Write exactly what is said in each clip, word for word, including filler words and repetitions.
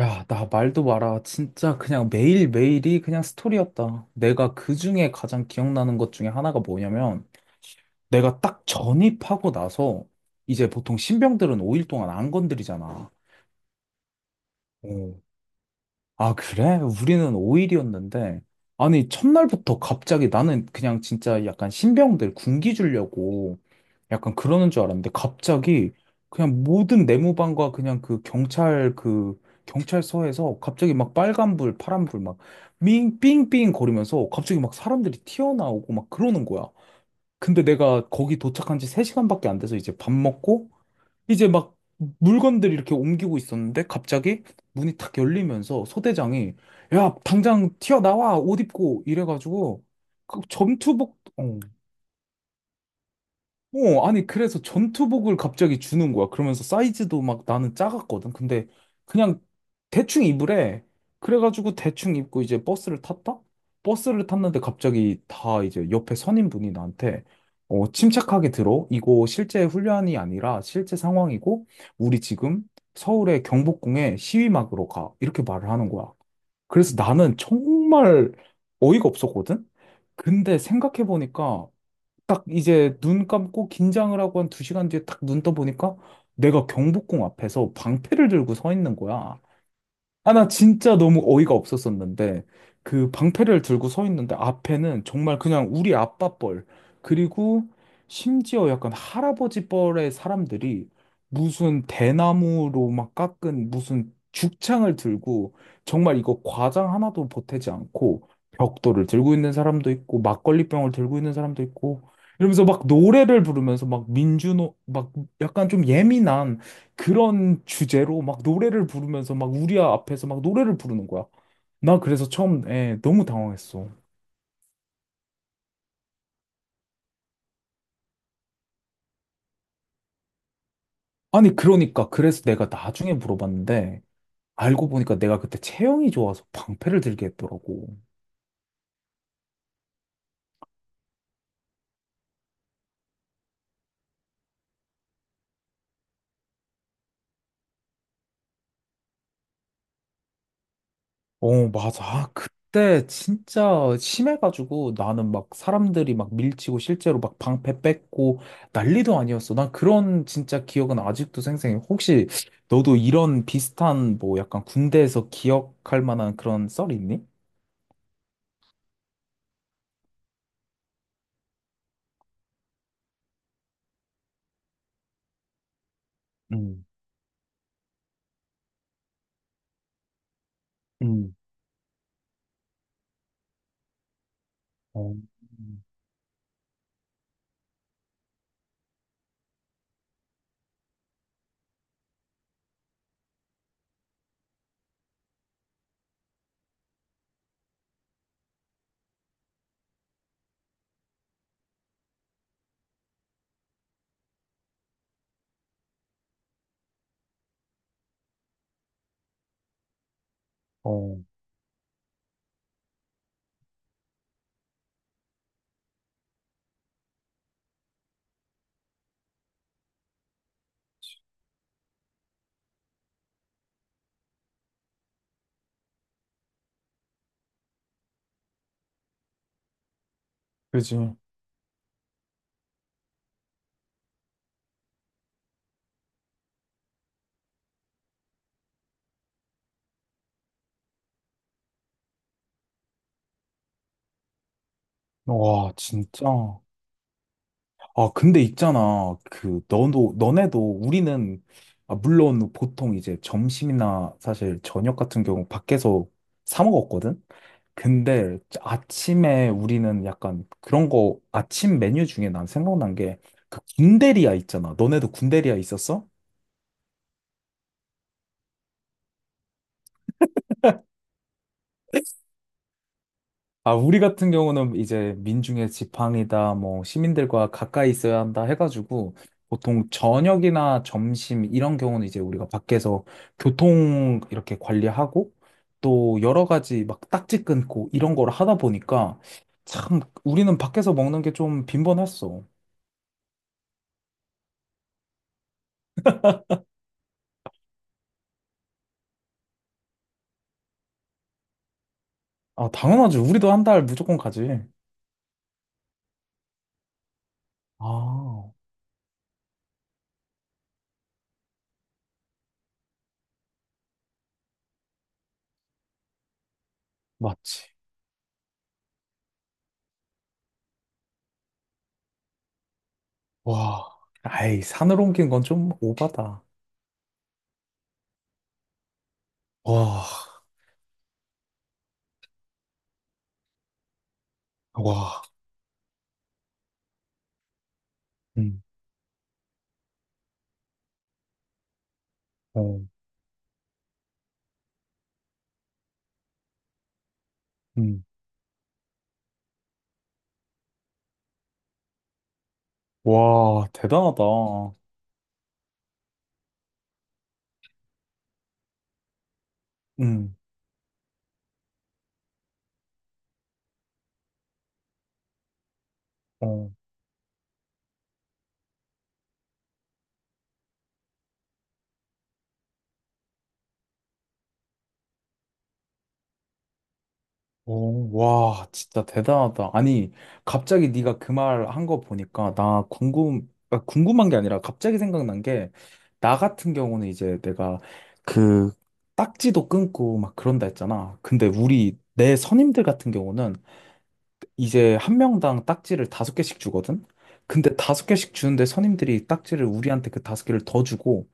야, 나 말도 마라. 진짜 그냥 매일매일이 그냥 스토리였다. 내가 그 중에 가장 기억나는 것 중에 하나가 뭐냐면, 내가 딱 전입하고 나서, 이제 보통 신병들은 오 일 동안 안 건드리잖아. 어. 아, 그래? 우리는 오 일이었는데. 아니, 첫날부터 갑자기 나는 그냥 진짜 약간 신병들 군기 주려고 약간 그러는 줄 알았는데 갑자기 그냥 모든 내무반과 그냥 그 경찰 그 경찰서에서 갑자기 막 빨간불, 파란불 막 삥삥삥 거리면서 갑자기 막 사람들이 튀어나오고 막 그러는 거야. 근데 내가 거기 도착한 지 세 시간밖에 안 돼서 이제 밥 먹고 이제 막 물건들 이렇게 옮기고 있었는데 갑자기 문이 탁 열리면서 소대장이 야, 당장 튀어나와! 옷 입고! 이래가지고 그 전투복, 어, 어, 아니, 그래서 전투복을 갑자기 주는 거야. 그러면서 사이즈도 막 나는 작았거든. 근데 그냥 대충 입으래. 그래가지고 대충 입고 이제 버스를 탔다? 버스를 탔는데 갑자기 다 이제 옆에 선임분이 나한테 어, 침착하게 들어. 이거 실제 훈련이 아니라 실제 상황이고, 우리 지금 서울의 경복궁에 시위 막으로 가. 이렇게 말을 하는 거야. 그래서 나는 정말 어이가 없었거든? 근데 생각해보니까 딱 이제 눈 감고 긴장을 하고 한 두 시간 뒤에 딱 눈 떠보니까 내가 경복궁 앞에서 방패를 들고 서 있는 거야. 아, 나 진짜 너무 어이가 없었었는데, 그 방패를 들고 서 있는데, 앞에는 정말 그냥 우리 아빠 뻘, 그리고 심지어 약간 할아버지 뻘의 사람들이 무슨 대나무로 막 깎은 무슨 죽창을 들고, 정말 이거 과장 하나도 보태지 않고, 벽돌을 들고 있는 사람도 있고, 막걸리병을 들고 있는 사람도 있고, 이러면서 막 노래를 부르면서 막 민주노, 막 약간 좀 예민한 그런 주제로 막 노래를 부르면서 막 우리 앞에서 막 노래를 부르는 거야. 나 그래서 처음에 너무 당황했어. 아니, 그러니까 그래서 내가 나중에 물어봤는데 알고 보니까 내가 그때 체형이 좋아서 방패를 들게 했더라고. 어, 맞아. 아, 그때 진짜 심해가지고 나는 막 사람들이 막 밀치고 실제로 막 방패 뺏고 난리도 아니었어. 난 그런 진짜 기억은 아직도 생생해. 혹시 너도 이런 비슷한 뭐 약간 군대에서 기억할 만한 그런 썰이 있니? 음, 음, 어, 어, 그지. 와, 진짜. 아, 근데 있잖아. 그, 너도, 너네도 우리는, 아, 물론 보통 이제 점심이나 사실 저녁 같은 경우 밖에서 사 먹었거든? 근데 아침에 우리는 약간 그런 거, 아침 메뉴 중에 난 생각난 게, 그 군대리아 있잖아. 너네도 군대리아 있었어? 아, 우리 같은 경우는 이제 민중의 지팡이다, 뭐, 시민들과 가까이 있어야 한다 해가지고, 보통 저녁이나 점심, 이런 경우는 이제 우리가 밖에서 교통 이렇게 관리하고, 또 여러 가지 막 딱지 끊고 이런 걸 하다 보니까, 참, 우리는 밖에서 먹는 게 좀 빈번했어. 아, 당연하지. 우리도 한 달 무조건 가지. 아, 맞지. 와, 아이, 산으로 옮긴 건 좀 오바다. 와, 와, 음, 어, 음. 와, 대단하다. 응. 어. 오, 와, 진짜 대단하다. 아니, 갑자기 네가 그 말 한 거 보니까 나 궁금 아, 궁금한 게 아니라 갑자기 생각난 게 나 같은 경우는 이제 내가 그 딱지도 끊고 막 그런다 했잖아. 근데 우리 내 선임들 같은 경우는 이제 한 명당 딱지를 다섯 개씩 주거든. 근데 다섯 개씩 주는데 선임들이 딱지를 우리한테 그 다섯 개를 더 주고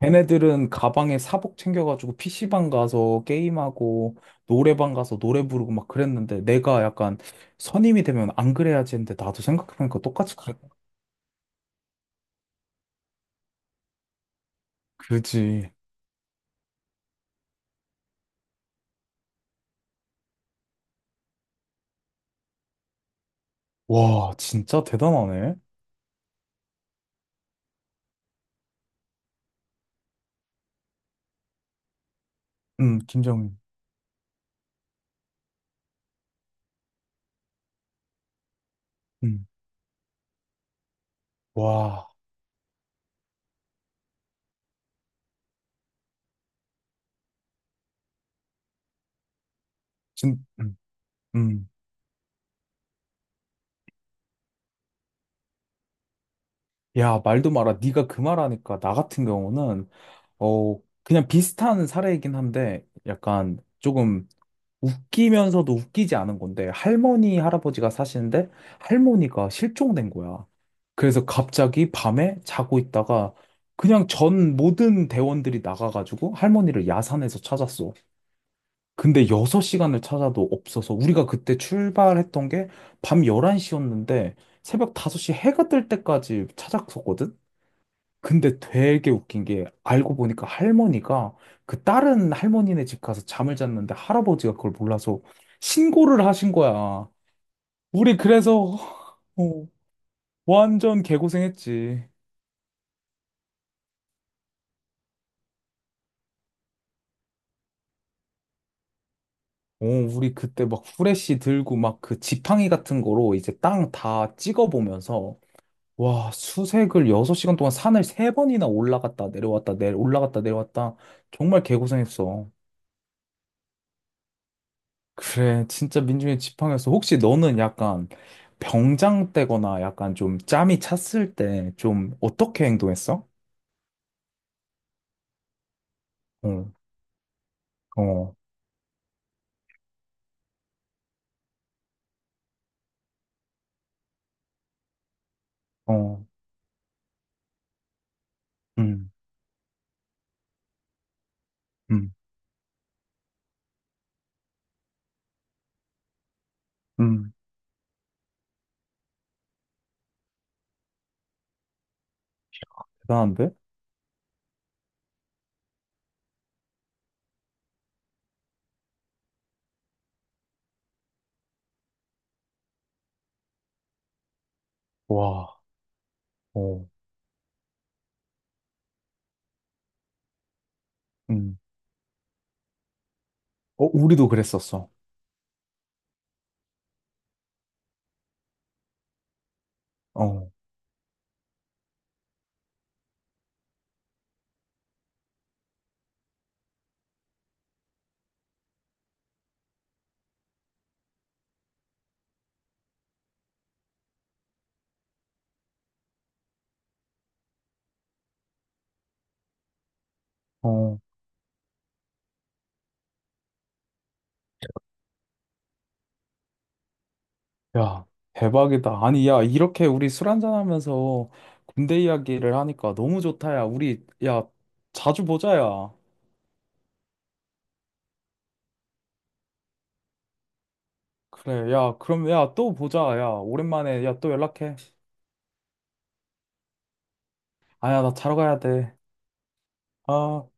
걔네들은 가방에 사복 챙겨가지고 피시방 가서 게임하고 노래방 가서 노래 부르고 막 그랬는데 내가 약간 선임이 되면 안 그래야지 했는데 나도 생각해보니까 똑같이 그랬 그지. 와, 진짜 대단하네. 음, 김정은. 음, 와, 진, 음, 음. 야, 말도 마라. 네가 그 말하니까 나 같은 경우는 어 그냥 비슷한 사례이긴 한데 약간 조금 웃기면서도 웃기지 않은 건데, 할머니, 할아버지가 사시는데, 할머니가 실종된 거야. 그래서 갑자기 밤에 자고 있다가, 그냥 전 모든 대원들이 나가가지고 할머니를 야산에서 찾았어. 근데 여섯 시간을 찾아도 없어서, 우리가 그때 출발했던 게 밤 열한 시였는데, 새벽 다섯 시 해가 뜰 때까지 찾았었거든? 근데 되게 웃긴 게 알고 보니까 할머니가 그 다른 할머니네 집 가서 잠을 잤는데 할아버지가 그걸 몰라서 신고를 하신 거야. 우리 그래서 어, 완전 개고생했지. 어, 우리 그때 막 후레쉬 들고 막 그 지팡이 같은 거로 이제 땅 다 찍어보면서 와, 수색을 여섯 시간 동안 산을 세번이나 올라갔다 내려왔다 내 올라갔다 내려왔다 정말 개고생했어. 그래, 진짜 민중의 지팡이였어. 혹시 너는 약간 병장 때거나 약간 좀 짬이 찼을 때 좀 어떻게 행동했어? 어, 어, 어, 음, 음, 음. 대단한데? 와, 어, 음. 어, 우리도 그랬었어. 어, 어, 야, 대박이다. 아니, 야, 이렇게 우리 술 한잔하면서 군대 이야기를 하니까 너무 좋다, 야. 우리, 야, 자주 보자, 야. 그래, 야, 그럼, 야, 또 보자, 야. 오랜만에, 야, 또 연락해. 아야, 나 자러 가야 돼. 아,